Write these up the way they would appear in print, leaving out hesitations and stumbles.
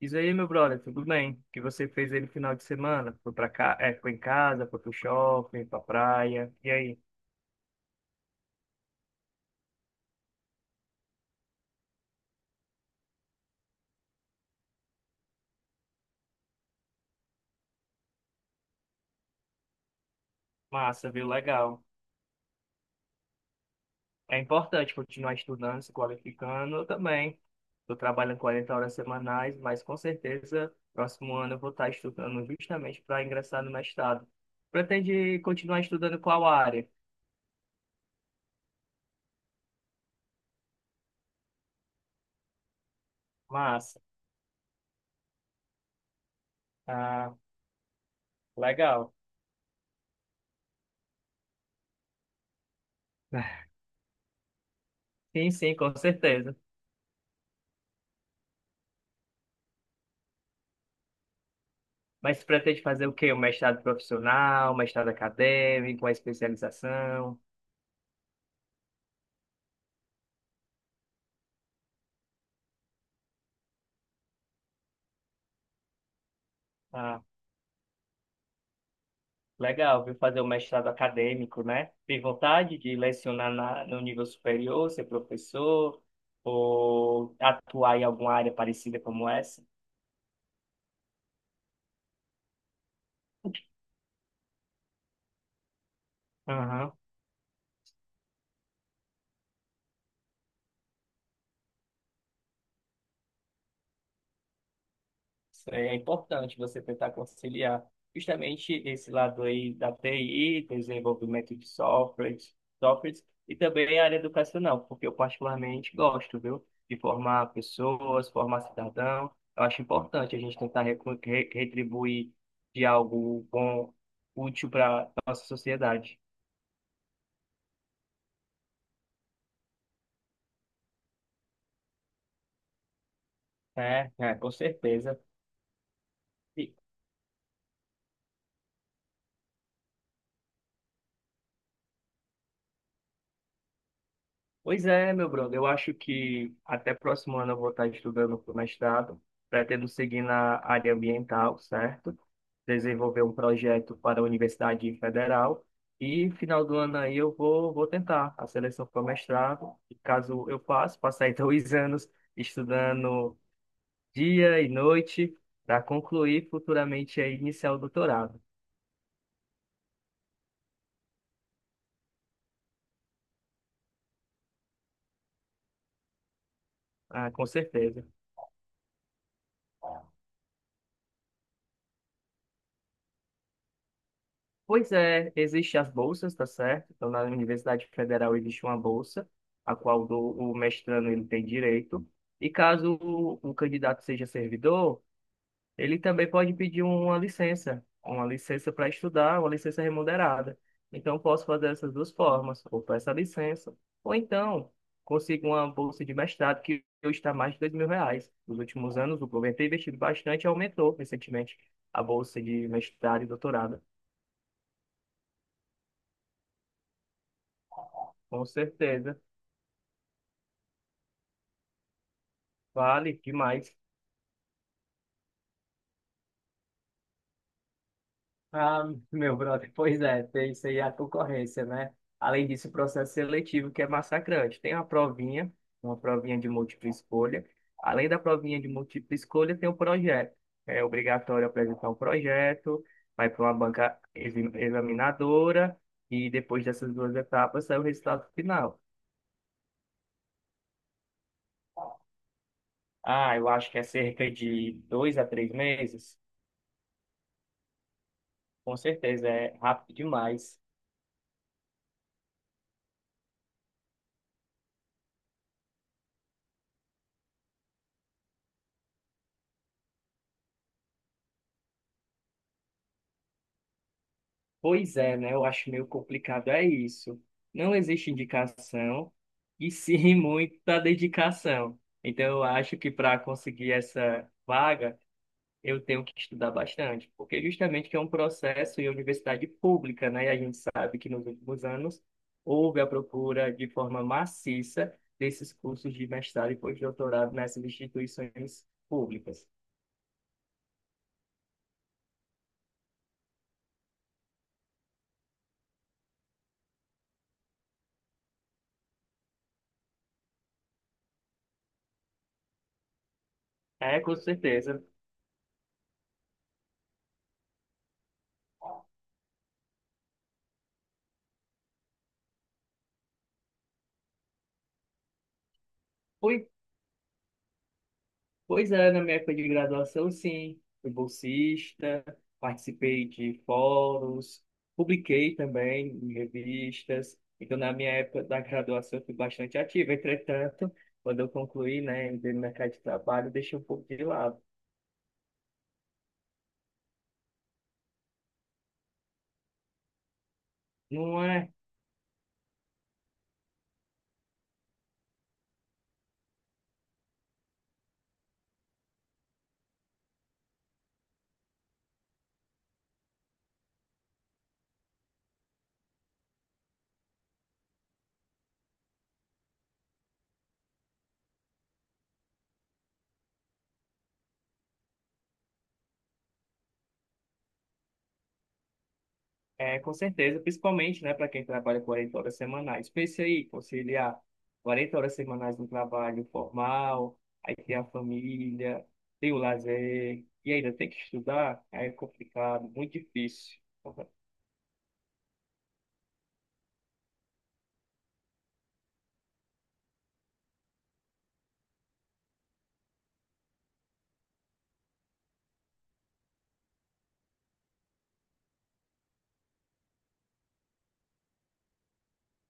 Diz aí, meu brother, tudo bem? O que você fez aí no final de semana? Foi pra cá, é, foi em casa, foi pro shopping, pra praia. E aí? Massa, viu? Legal. É importante continuar estudando, se qualificando. Eu também. Estou trabalhando 40 horas semanais, mas com certeza, próximo ano eu vou estar estudando justamente para ingressar no mestrado. Pretende continuar estudando qual área? Massa. Ah, legal. Sim, sim, com certeza. Mas você pretende fazer o quê? Um mestrado profissional, um mestrado acadêmico, uma especialização? Ah, legal, viu? Fazer um mestrado acadêmico, né? Tem vontade de lecionar no nível superior, ser professor, ou atuar em alguma área parecida como essa? Aham. Isso aí é importante você tentar conciliar justamente esse lado aí da TI, desenvolvimento de softwares, softwares e também a área educacional, porque eu particularmente gosto, viu, de formar pessoas, formar cidadão. Eu acho importante a gente tentar retribuir de algo bom, útil para nossa sociedade. É, é, com certeza. Pois é, meu brother, eu acho que até próximo ano eu vou estar estudando para o mestrado, pretendo seguir na área ambiental, certo? Desenvolver um projeto para a Universidade Federal e final do ano aí eu vou tentar a seleção para o mestrado, e caso eu passe, passei dois anos estudando dia e noite para concluir futuramente aí iniciar o doutorado, ah, com certeza. Pois é, existem as bolsas, tá certo? Então, na Universidade Federal existe uma bolsa, a qual o mestrando ele tem direito. E caso o candidato seja servidor, ele também pode pedir uma licença para estudar, uma licença remunerada. Então, eu posso fazer essas duas formas, ou peço a licença, ou então consigo uma bolsa de mestrado que hoje está mais de 2.000 reais. Nos últimos anos, o governo tem investido bastante e aumentou recentemente a bolsa de mestrado e doutorado. Com certeza. Vale demais. Ah, meu brother, pois é, tem isso aí a concorrência, né? Além disso, o processo seletivo que é massacrante. Tem a provinha, uma provinha de múltipla escolha. Além da provinha de múltipla escolha, tem o projeto. É obrigatório apresentar um projeto, vai para uma banca examinadora e depois dessas duas etapas sai o resultado final. Ah, eu acho que é cerca de 2 a 3 meses. Com certeza, é rápido demais. Pois é, né? Eu acho meio complicado, é isso. Não existe indicação e sim muita dedicação. Então, eu acho que para conseguir essa vaga, eu tenho que estudar bastante, porque justamente que é um processo em universidade pública, né? E a gente sabe que nos últimos anos houve a procura de forma maciça desses cursos de mestrado e pós-doutorado nessas instituições públicas. É, com certeza. Pois Pois é, na minha época de graduação, sim. Fui bolsista, participei de fóruns, publiquei também em revistas. Então, na minha época da graduação, eu fui bastante ativo. Entretanto, quando eu concluí, né, entrei no mercado de trabalho, deixei um pouco de lado. Não é. É, com certeza, principalmente, né, para quem trabalha 40 horas semanais. Pense aí, conciliar 40 horas semanais no trabalho formal, aí tem a família, tem o lazer, e ainda tem que estudar, aí é complicado, muito difícil.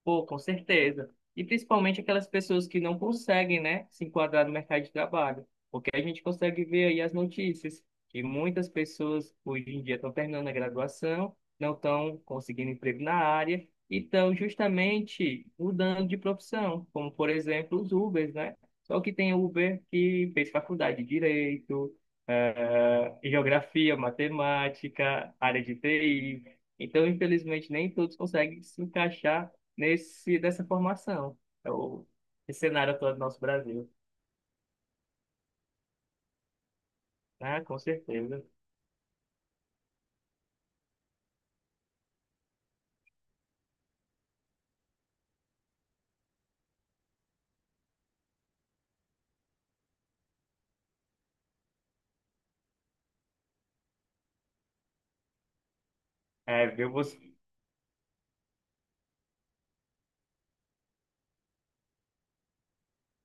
Pô, com certeza. E principalmente aquelas pessoas que não conseguem, né, se enquadrar no mercado de trabalho. Porque a gente consegue ver aí as notícias que muitas pessoas hoje em dia estão terminando a graduação, não estão conseguindo emprego na área e estão justamente mudando de profissão, como por exemplo os Ubers, né? Só que tem Uber que fez faculdade de Direito, Geografia, Matemática, área de TI. Então, infelizmente, nem todos conseguem se encaixar dessa formação. É o Esse cenário atual do nosso Brasil. Ah, com certeza. É, viu você.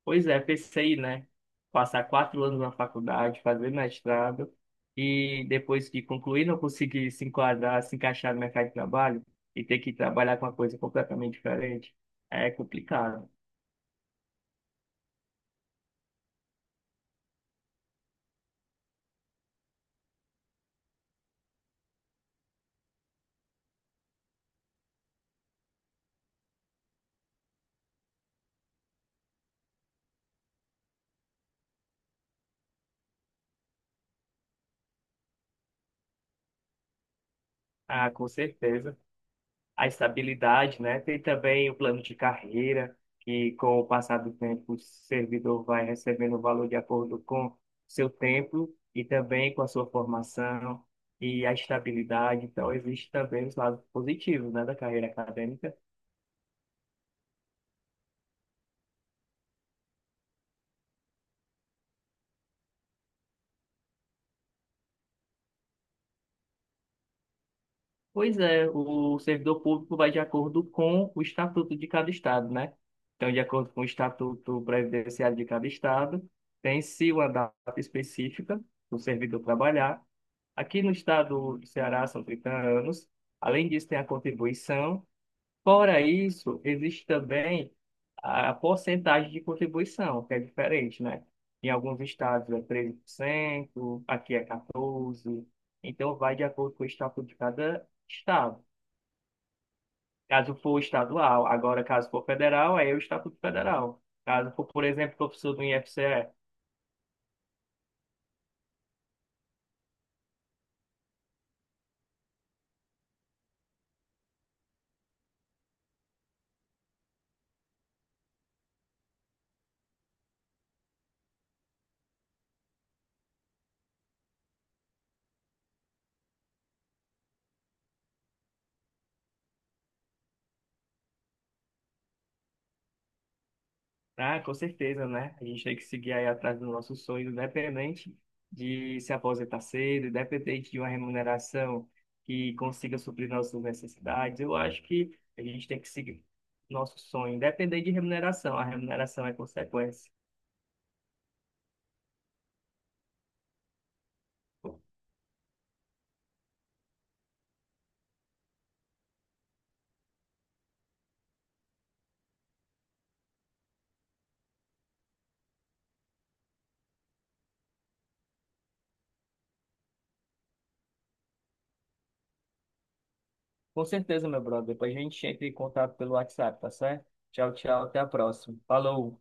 Pois é, pensei, né? Passar 4 anos na faculdade, fazer mestrado, e depois que concluir, não conseguir se enquadrar, se encaixar no mercado de trabalho e ter que trabalhar com uma coisa completamente diferente. É complicado. Ah, com certeza. A estabilidade, né? Tem também o plano de carreira, que com o passar do tempo o servidor vai recebendo o valor de acordo com seu tempo e também com a sua formação e a estabilidade. Então, existe também os lados positivos, né, da carreira acadêmica. Pois é, o servidor público vai de acordo com o estatuto de cada estado, né? Então, de acordo com o estatuto previdenciário de cada estado, tem-se uma data específica do servidor trabalhar. Aqui no estado do Ceará são 30 anos. Além disso, tem a contribuição. Fora isso, existe também a porcentagem de contribuição, que é diferente, né? Em alguns estados é 13%, aqui é 14%. Então, vai de acordo com o estatuto de cada estado. Caso for estadual, agora caso for federal, aí é o estatuto federal. Caso for, por exemplo, professor do IFCE, ah, com certeza, né? A gente tem que seguir aí atrás do nosso sonho, independente de se aposentar cedo, independente de uma remuneração que consiga suprir nossas necessidades. Eu acho que a gente tem que seguir nosso sonho, independente de remuneração. A remuneração é consequência. Com certeza, meu brother. Depois a gente entra em contato pelo WhatsApp, tá certo? Tchau, tchau. Até a próxima. Falou!